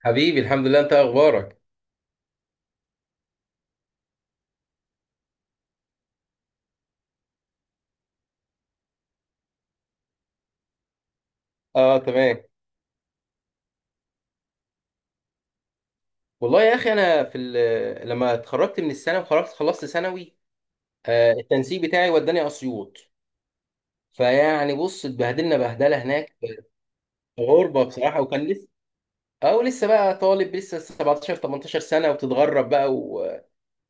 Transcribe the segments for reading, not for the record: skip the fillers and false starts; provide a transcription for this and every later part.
حبيبي، الحمد لله. انت اخبارك؟ اه، تمام. والله يا اخي، انا لما اتخرجت من الثانوي وخلصت خلصت ثانوي، التنسيق بتاعي وداني اسيوط. فيعني بص، اتبهدلنا بهدله هناك في غربه بصراحه. وكان لسه، او لسه بقى طالب، لسه 17 18 سنه وبتتغرب بقى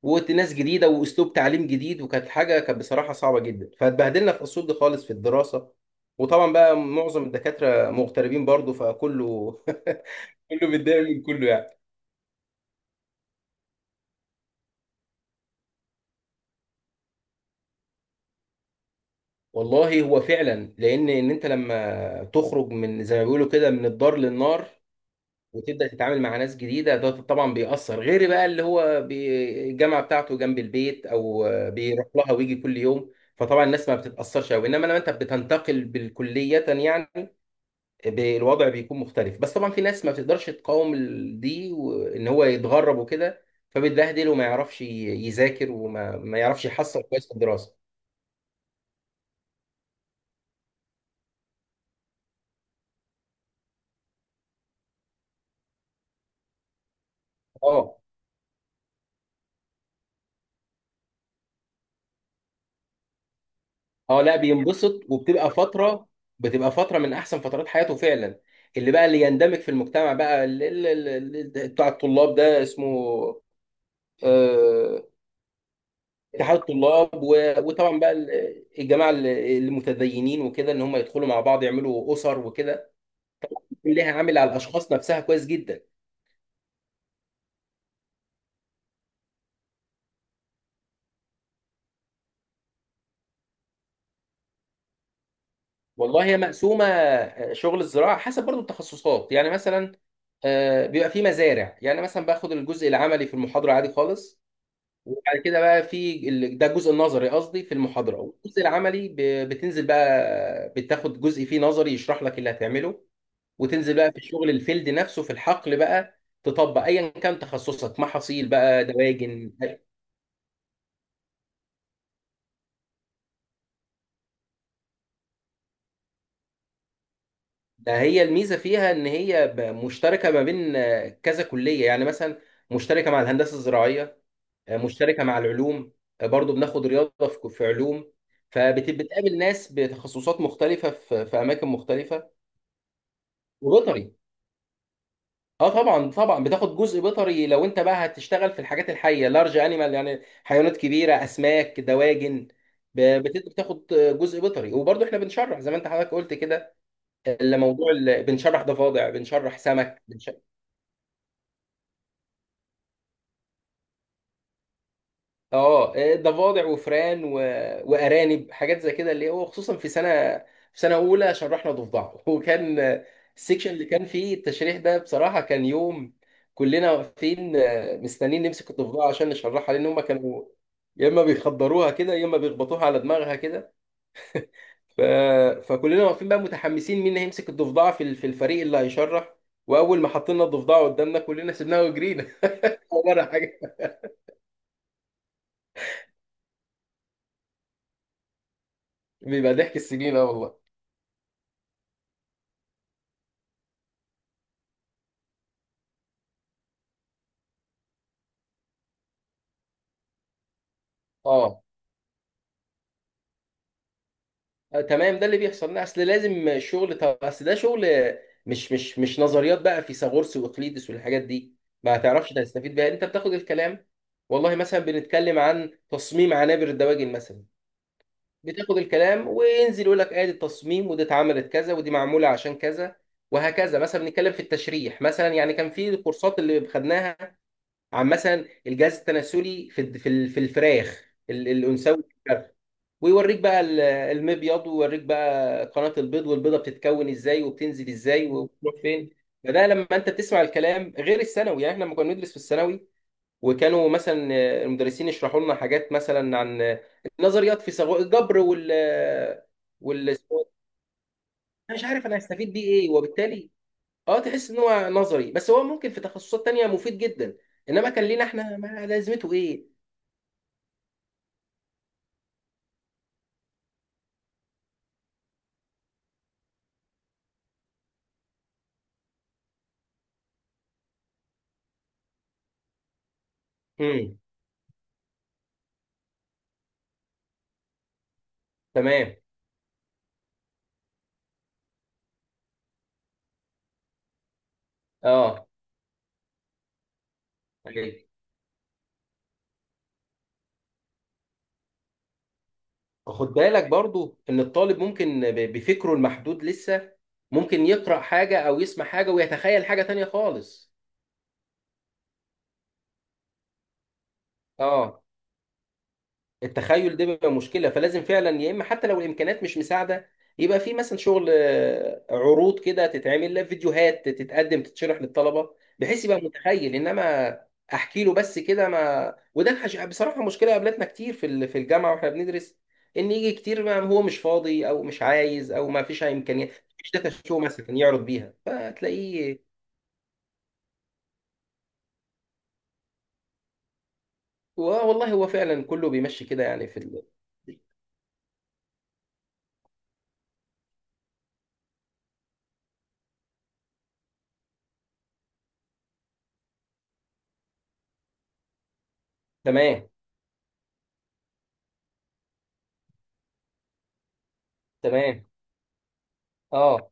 وناس جديده واسلوب تعليم جديد، وكانت حاجه كانت بصراحه صعبه جدا. فاتبهدلنا في اسيوط دي خالص في الدراسه. وطبعا بقى معظم الدكاتره مغتربين برضو، فكله كله متضايق من كله يعني. والله، هو فعلا، لان انت لما تخرج، من زي ما بيقولوا كده، من الدار للنار، وتبدا تتعامل مع ناس جديده، ده طبعا بيأثر. غير بقى اللي هو الجامعه بتاعته جنب البيت، او بيروح لها ويجي كل يوم، فطبعا الناس ما بتتأثرش قوي. انما لما انت بتنتقل بالكليه يعني، الوضع بيكون مختلف. بس طبعا في ناس ما بتقدرش تقاوم دي، وان هو يتغرب وكده، فبيتبهدل وما يعرفش يذاكر، وما ما يعرفش يحصل كويس في الدراسه. اه، اه، لا، بينبسط. وبتبقى فتره من احسن فترات حياته فعلا. اللي بقى اللي يندمج في المجتمع بقى، اللي بتاع الطلاب ده اسمه آه، اتحاد الطلاب. وطبعا بقى الجماعه المتدينين وكده، ان هم يدخلوا مع بعض يعملوا اسر وكده، ليها عامل على الاشخاص نفسها كويس جدا. والله، هي مقسومه. شغل الزراعه حسب برضو التخصصات. يعني مثلا بيبقى في مزارع، يعني مثلا باخد الجزء العملي في المحاضره عادي خالص. وبعد كده بقى في ده الجزء النظري، قصدي في المحاضرة. والجزء العملي بتنزل بقى، بتاخد جزء فيه نظري يشرح لك اللي هتعمله، وتنزل بقى في الشغل الفيلد نفسه في الحقل، بقى تطبق ايا كان تخصصك، محاصيل بقى، دواجن. ده هي الميزة فيها ان هي مشتركة ما بين كذا كلية. يعني مثلا مشتركة مع الهندسة الزراعية، مشتركة مع العلوم، برضو بناخد رياضة في علوم. فبتقابل ناس بتخصصات مختلفة في أماكن مختلفة. وبيطري، اه، طبعا طبعا بتاخد جزء بيطري لو انت بقى هتشتغل في الحاجات الحيه، لارج انيمال، يعني حيوانات كبيره، اسماك، دواجن. بتاخد جزء بيطري. وبرضه احنا بنشرح، زي ما انت حضرتك قلت كده، اللي موضوع بنشرح ضفادع، بنشرح سمك، بنشرح اه ضفادع وفئران وارانب، حاجات زي كده، اللي هو خصوصا في سنه اولى شرحنا ضفدع وكان السكشن اللي كان فيه التشريح ده، بصراحه، كان يوم. كلنا واقفين مستنيين نمسك الضفدع عشان نشرحها، لان هم كانوا يا اما بيخدروها كده، يا اما بيخبطوها على دماغها كده. ف... فكلنا واقفين بقى متحمسين، مين هيمسك الضفدع في في الفريق اللي هيشرح. واول ما حطينا الضفدع قدامنا، كلنا سيبناها وجرينا ولا حاجه. بيبقى ضحك السنين، اه والله. اه، تمام، ده اللي بيحصل. لا، اصل لازم الشغل، طب اصل ده شغل، مش نظريات بقى فيثاغورس واقليدس والحاجات دي ما تعرفش تستفيد بيها. انت بتاخد الكلام، والله مثلا بنتكلم عن تصميم عنابر الدواجن مثلا، بتاخد الكلام وينزل يقول لك ادي التصميم، ودي اتعملت كذا، ودي معموله عشان كذا. وهكذا مثلا بنتكلم في التشريح مثلا، يعني كان في الكورسات اللي خدناها عن مثلا الجهاز التناسلي في الفراخ الانثوي. ويوريك بقى المبيض، ويوريك بقى قناة البيض، والبيضة بتتكون ازاي، وبتنزل ازاي، وبتروح فين. فده لما انت بتسمع الكلام غير الثانوي. يعني احنا لما كنا ندرس في الثانوي، وكانوا مثلا المدرسين يشرحوا لنا حاجات مثلا عن نظريات في الجبر وال، انا مش عارف انا هستفيد بيه ايه، وبالتالي اه تحس ان هو نظري، بس هو ممكن في تخصصات تانية مفيد جدا. انما كان لينا احنا، ما لازمته ايه؟ امم، تمام، اه، أيوه. خد بالك برضو ان الطالب ممكن بفكره المحدود لسه، ممكن يقرأ حاجة او يسمع حاجة ويتخيل حاجة تانية خالص. اه، التخيل ده بيبقى مشكله. فلازم فعلا، يا اما حتى لو الامكانيات مش مساعده، يبقى في مثلا شغل عروض كده تتعمل، لا، فيديوهات تتقدم تتشرح للطلبه بحيث يبقى متخيل. انما احكي له بس كده ما، وده بصراحه مشكله قابلتنا كتير في الجامعه واحنا بندرس، ان يجي كتير ما هو مش فاضي او مش عايز او ما فيش امكانيات، مش داتا شو مثلا يعرض بيها، فتلاقيه و- والله هو فعلا كله بيمشي كده، يعني تمام، تمام، اه،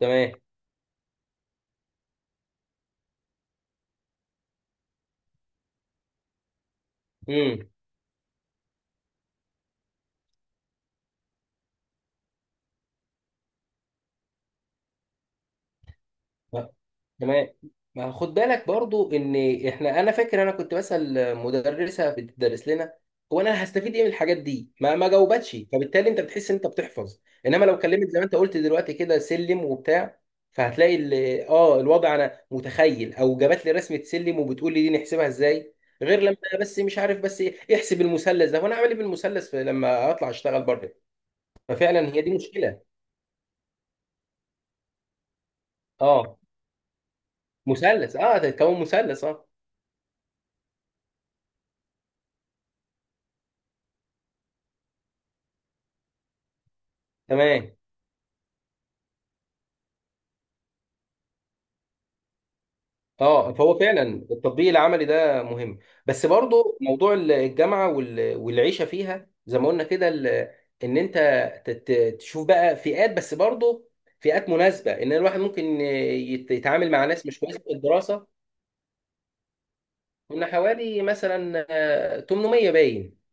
تمام، امم، تمام. ما خد بالك برضو ان انا فاكر انا كنت بسأل مدرسة بتدرس لنا هو انا هستفيد ايه من الحاجات دي، ما جاوبتش. فبالتالي انت بتحس ان انت بتحفظ. انما لو كلمت زي ما انت قلت دلوقتي كده سلم وبتاع، فهتلاقي الوضع انا متخيل، او جابت لي رسمة سلم وبتقول لي دي نحسبها ازاي، غير لما أنا بس مش عارف بس ايه، احسب المثلث ده وانا اعمل ايه بالمثلث لما اطلع اشتغل بره. ففعلا هي دي مشكلة. اه، مثلث، اه، تتكون مثلث، اه، تمام. اه، فهو فعلا التطبيق العملي ده مهم. بس برضو موضوع الجامعه والعيشه فيها زي ما قلنا كده، ان انت تشوف بقى فئات، بس برضو فئات مناسبه، ان الواحد ممكن يتعامل مع ناس مش كويسه في الدراسه. كنا حوالي مثلا 800 باين.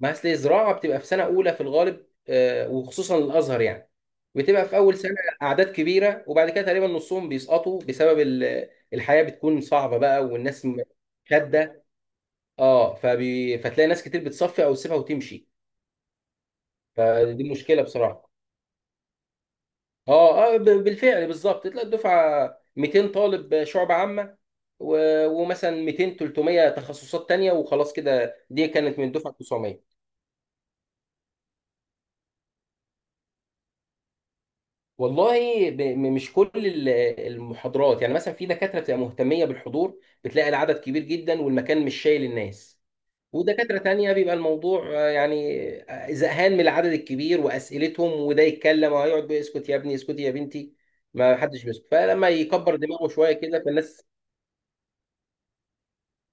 ما اصل الزراعه بتبقى في سنه اولى في الغالب، وخصوصا الازهر يعني، بتبقى في اول سنه اعداد كبيره. وبعد كده تقريبا نصهم بيسقطوا بسبب الحياه بتكون صعبه بقى، والناس شاده. اه، فتلاقي ناس كتير بتصفي او تسيبها وتمشي. فدي مشكله بصراحه. اه، اه، بالفعل، بالظبط. تلاقي الدفعه 200 طالب شعب عامه، و... ومثلا 200 300 تخصصات تانية، وخلاص كده. دي كانت من الدفعه 900. والله، مش كل المحاضرات، يعني مثلا في دكاترة بتبقى مهتمية بالحضور بتلاقي العدد كبير جدا والمكان مش شايل الناس. ودكاترة تانية بيبقى الموضوع يعني زهقان من العدد الكبير وأسئلتهم، وده يتكلم وهيقعد بيقول اسكت يا ابني، اسكت يا بنتي، ما حدش بيسكت، فلما يكبر دماغه شوية كده فالناس.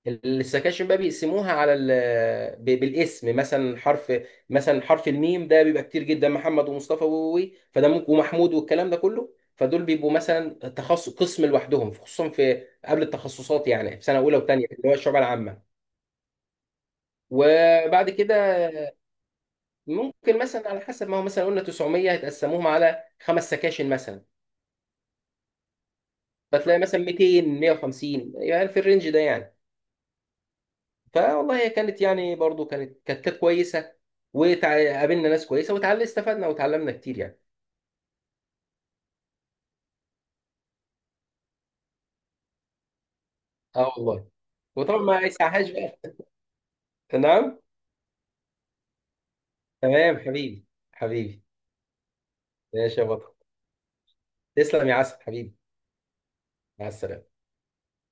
السكاشن بقى بيقسموها على بالاسم، مثلا حرف، مثلا حرف الميم ده بيبقى كتير جدا، محمد ومصطفى فده ممكن، ومحمود، والكلام ده كله، فدول بيبقوا مثلا تخصص قسم لوحدهم خصوصا في قبل التخصصات، يعني في سنه اولى وثانيه اللي هو الشعب العامه. وبعد كده ممكن مثلا، على حسب، ما هو مثلا قلنا 900، هتقسموهم على خمس سكاشن مثلا. فتلاقي مثلا 200 150، يعني في الرينج ده يعني. فوالله، هي كانت يعني، برضو كانت كويسه. وقابلنا ناس كويسه، استفدنا وتعلمنا كتير يعني. اه والله. وطبعا ما يسعهاش بقى. نعم. تمام، حبيبي. حبيبي. ماشي يا بطل. تسلم يا عسل، حبيبي. مع السلامه.